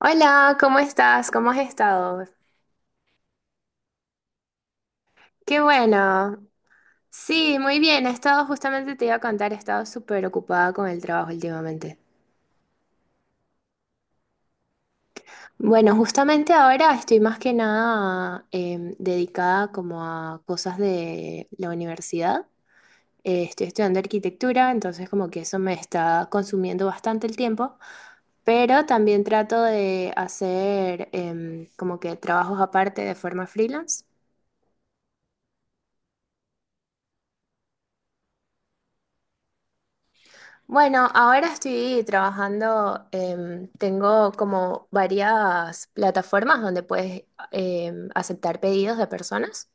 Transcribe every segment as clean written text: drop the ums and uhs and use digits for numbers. Hola, ¿cómo estás? ¿Cómo has estado? Qué bueno. Sí, muy bien. He estado, justamente te iba a contar, he estado súper ocupada con el trabajo últimamente. Bueno, justamente ahora estoy más que nada dedicada como a cosas de la universidad. Estoy estudiando arquitectura, entonces como que eso me está consumiendo bastante el tiempo, pero también trato de hacer como que trabajos aparte de forma freelance. Bueno, ahora estoy trabajando, tengo como varias plataformas donde puedes aceptar pedidos de personas.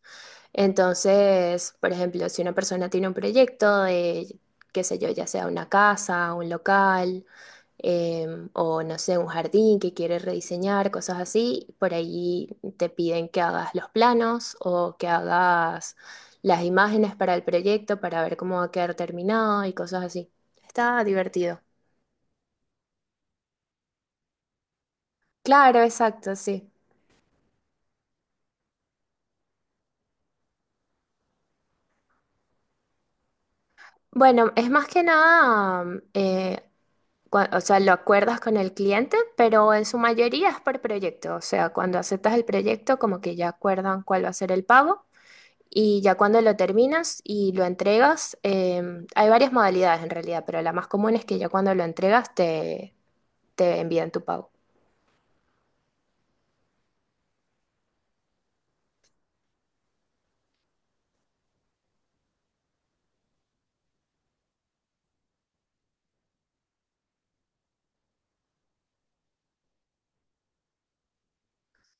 Entonces, por ejemplo, si una persona tiene un proyecto de, qué sé yo, ya sea una casa, un local, o no sé, un jardín que quieres rediseñar, cosas así, por ahí te piden que hagas los planos o que hagas las imágenes para el proyecto para ver cómo va a quedar terminado y cosas así. Está divertido. Claro, exacto, sí. Bueno, es más que nada, o sea, lo acuerdas con el cliente, pero en su mayoría es por proyecto. O sea, cuando aceptas el proyecto, como que ya acuerdan cuál va a ser el pago. Y ya cuando lo terminas y lo entregas, hay varias modalidades en realidad, pero la más común es que ya cuando lo entregas te, te envían tu pago.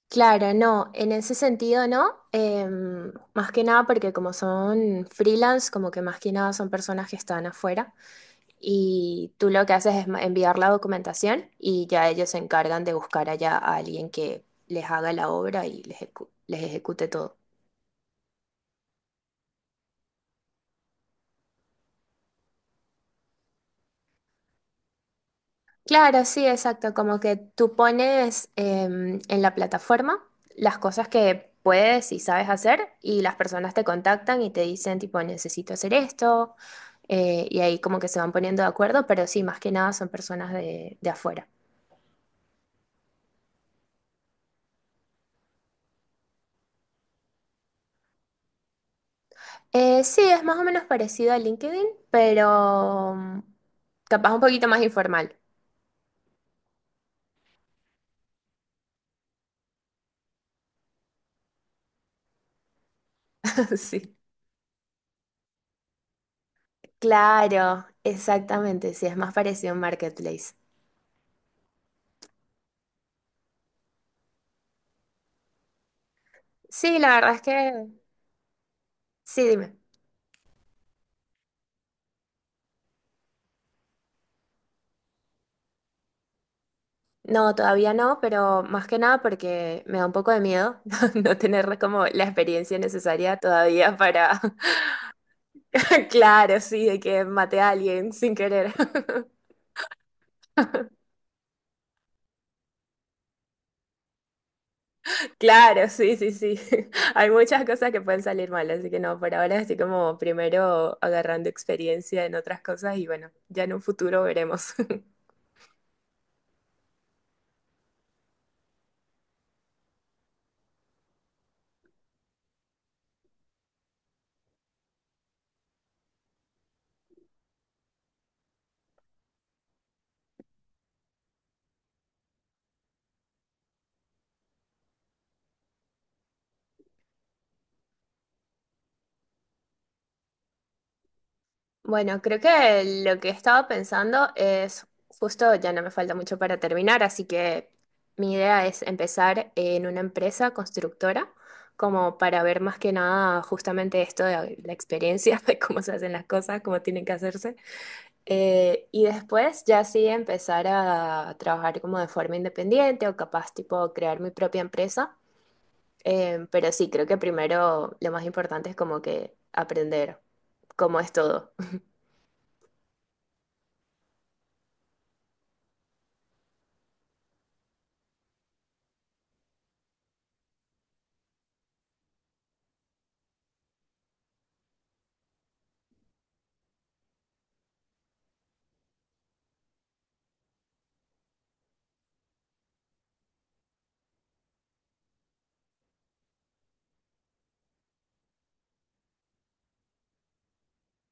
Claro, no, en ese sentido no, más que nada porque como son freelance, como que más que nada son personas que están afuera y tú lo que haces es enviar la documentación y ya ellos se encargan de buscar allá a alguien que les haga la obra y les les ejecute todo. Claro, sí, exacto. Como que tú pones en la plataforma las cosas que puedes y sabes hacer y las personas te contactan y te dicen tipo necesito hacer esto, y ahí como que se van poniendo de acuerdo, pero sí, más que nada son personas de afuera. Sí, es más o menos parecido a LinkedIn, pero capaz un poquito más informal. Sí. Claro, exactamente, sí, es más parecido a un marketplace. Sí, la verdad es que sí, dime. No, todavía no, pero más que nada porque me da un poco de miedo no tener como la experiencia necesaria todavía para, claro, sí, de que maté a alguien sin querer. Claro, sí, sí, sí. Hay muchas cosas que pueden salir mal, así que no, por ahora estoy como primero agarrando experiencia en otras cosas y bueno, ya en un futuro veremos. Bueno, creo que lo que estaba pensando es, justo ya no me falta mucho para terminar, así que mi idea es empezar en una empresa constructora, como para ver más que nada justamente esto de la experiencia, de cómo se hacen las cosas, cómo tienen que hacerse. Y después ya sí empezar a trabajar como de forma independiente o capaz tipo crear mi propia empresa. Pero sí, creo que primero lo más importante es como que aprender cómo es todo.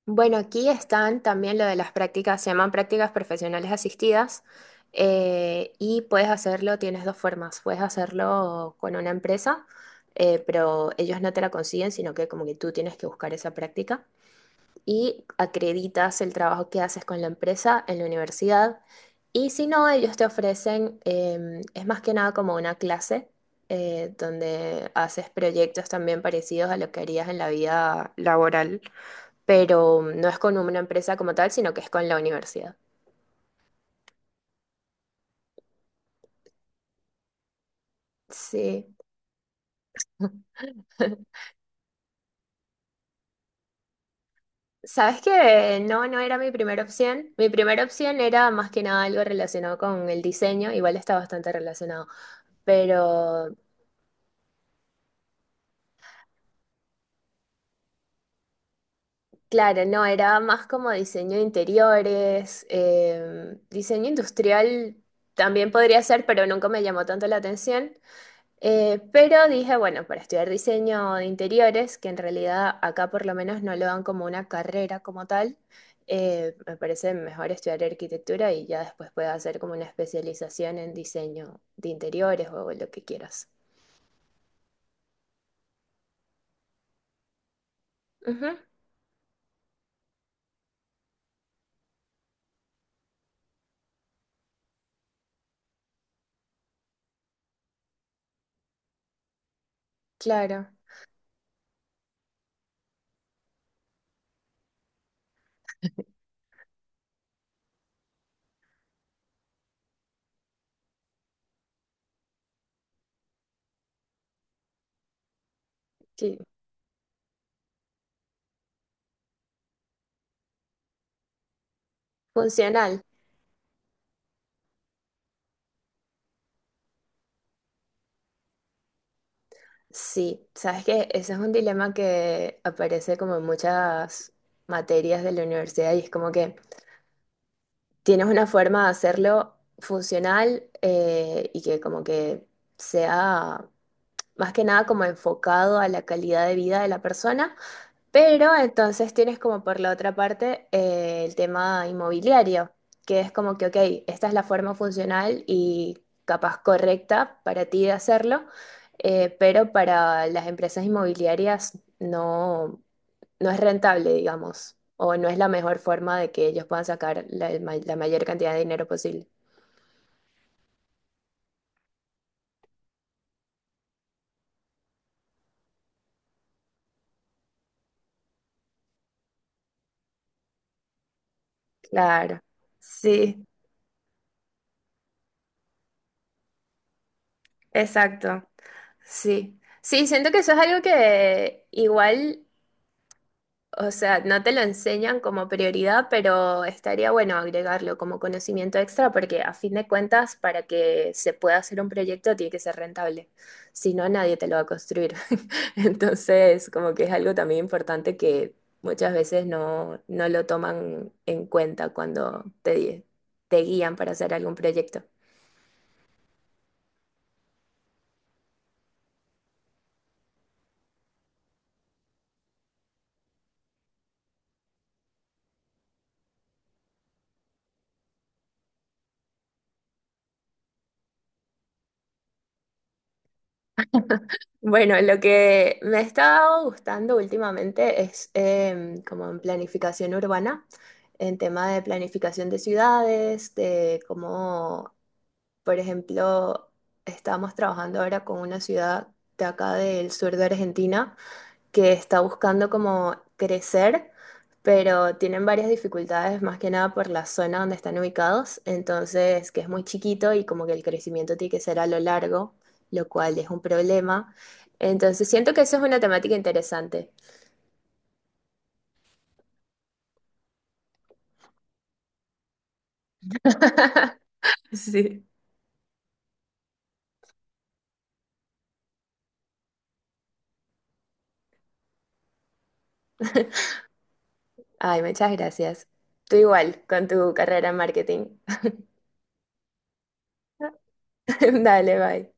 Bueno, aquí están también lo de las prácticas, se llaman prácticas profesionales asistidas, y puedes hacerlo, tienes dos formas, puedes hacerlo con una empresa, pero ellos no te la consiguen, sino que como que tú tienes que buscar esa práctica y acreditas el trabajo que haces con la empresa en la universidad y si no, ellos te ofrecen, es más que nada como una clase, donde haces proyectos también parecidos a lo que harías en la vida laboral, pero no es con una empresa como tal, sino que es con la universidad. Sí. ¿Sabes qué? No, no era mi primera opción. Mi primera opción era más que nada algo relacionado con el diseño, igual está bastante relacionado, pero claro, no, era más como diseño de interiores, diseño industrial también podría ser, pero nunca me llamó tanto la atención. Pero dije, bueno, para estudiar diseño de interiores, que en realidad acá por lo menos no lo dan como una carrera como tal, me parece mejor estudiar arquitectura y ya después puedes hacer como una especialización en diseño de interiores o lo que quieras. Ujú, claro, sí. Funcional. Sí, sabes que ese es un dilema que aparece como en muchas materias de la universidad y es como que tienes una forma de hacerlo funcional, y que como que sea más que nada como enfocado a la calidad de vida de la persona, pero entonces tienes como por la otra parte, el tema inmobiliario, que es como que, ok, esta es la forma funcional y capaz correcta para ti de hacerlo, pero para las empresas inmobiliarias no, no es rentable, digamos, o no es la mejor forma de que ellos puedan sacar la, el la mayor cantidad de dinero posible. Claro, sí, exacto, sí. Sí, siento que eso es algo que igual. O sea, no te lo enseñan como prioridad, pero estaría bueno agregarlo como conocimiento extra porque a fin de cuentas, para que se pueda hacer un proyecto tiene que ser rentable. Si no, nadie te lo va a construir. Entonces, como que es algo también importante que muchas veces no, no lo toman en cuenta cuando te guían para hacer algún proyecto. Bueno, lo que me ha estado gustando últimamente es como en planificación urbana, en tema de planificación de ciudades, de cómo, por ejemplo, estamos trabajando ahora con una ciudad de acá del sur de Argentina que está buscando como crecer, pero tienen varias dificultades, más que nada por la zona donde están ubicados, entonces que es muy chiquito y como que el crecimiento tiene que ser a lo largo, lo cual es un problema. Entonces siento que eso es una temática interesante. Sí. Ay, muchas gracias. Tú igual con tu carrera en marketing. Dale, bye.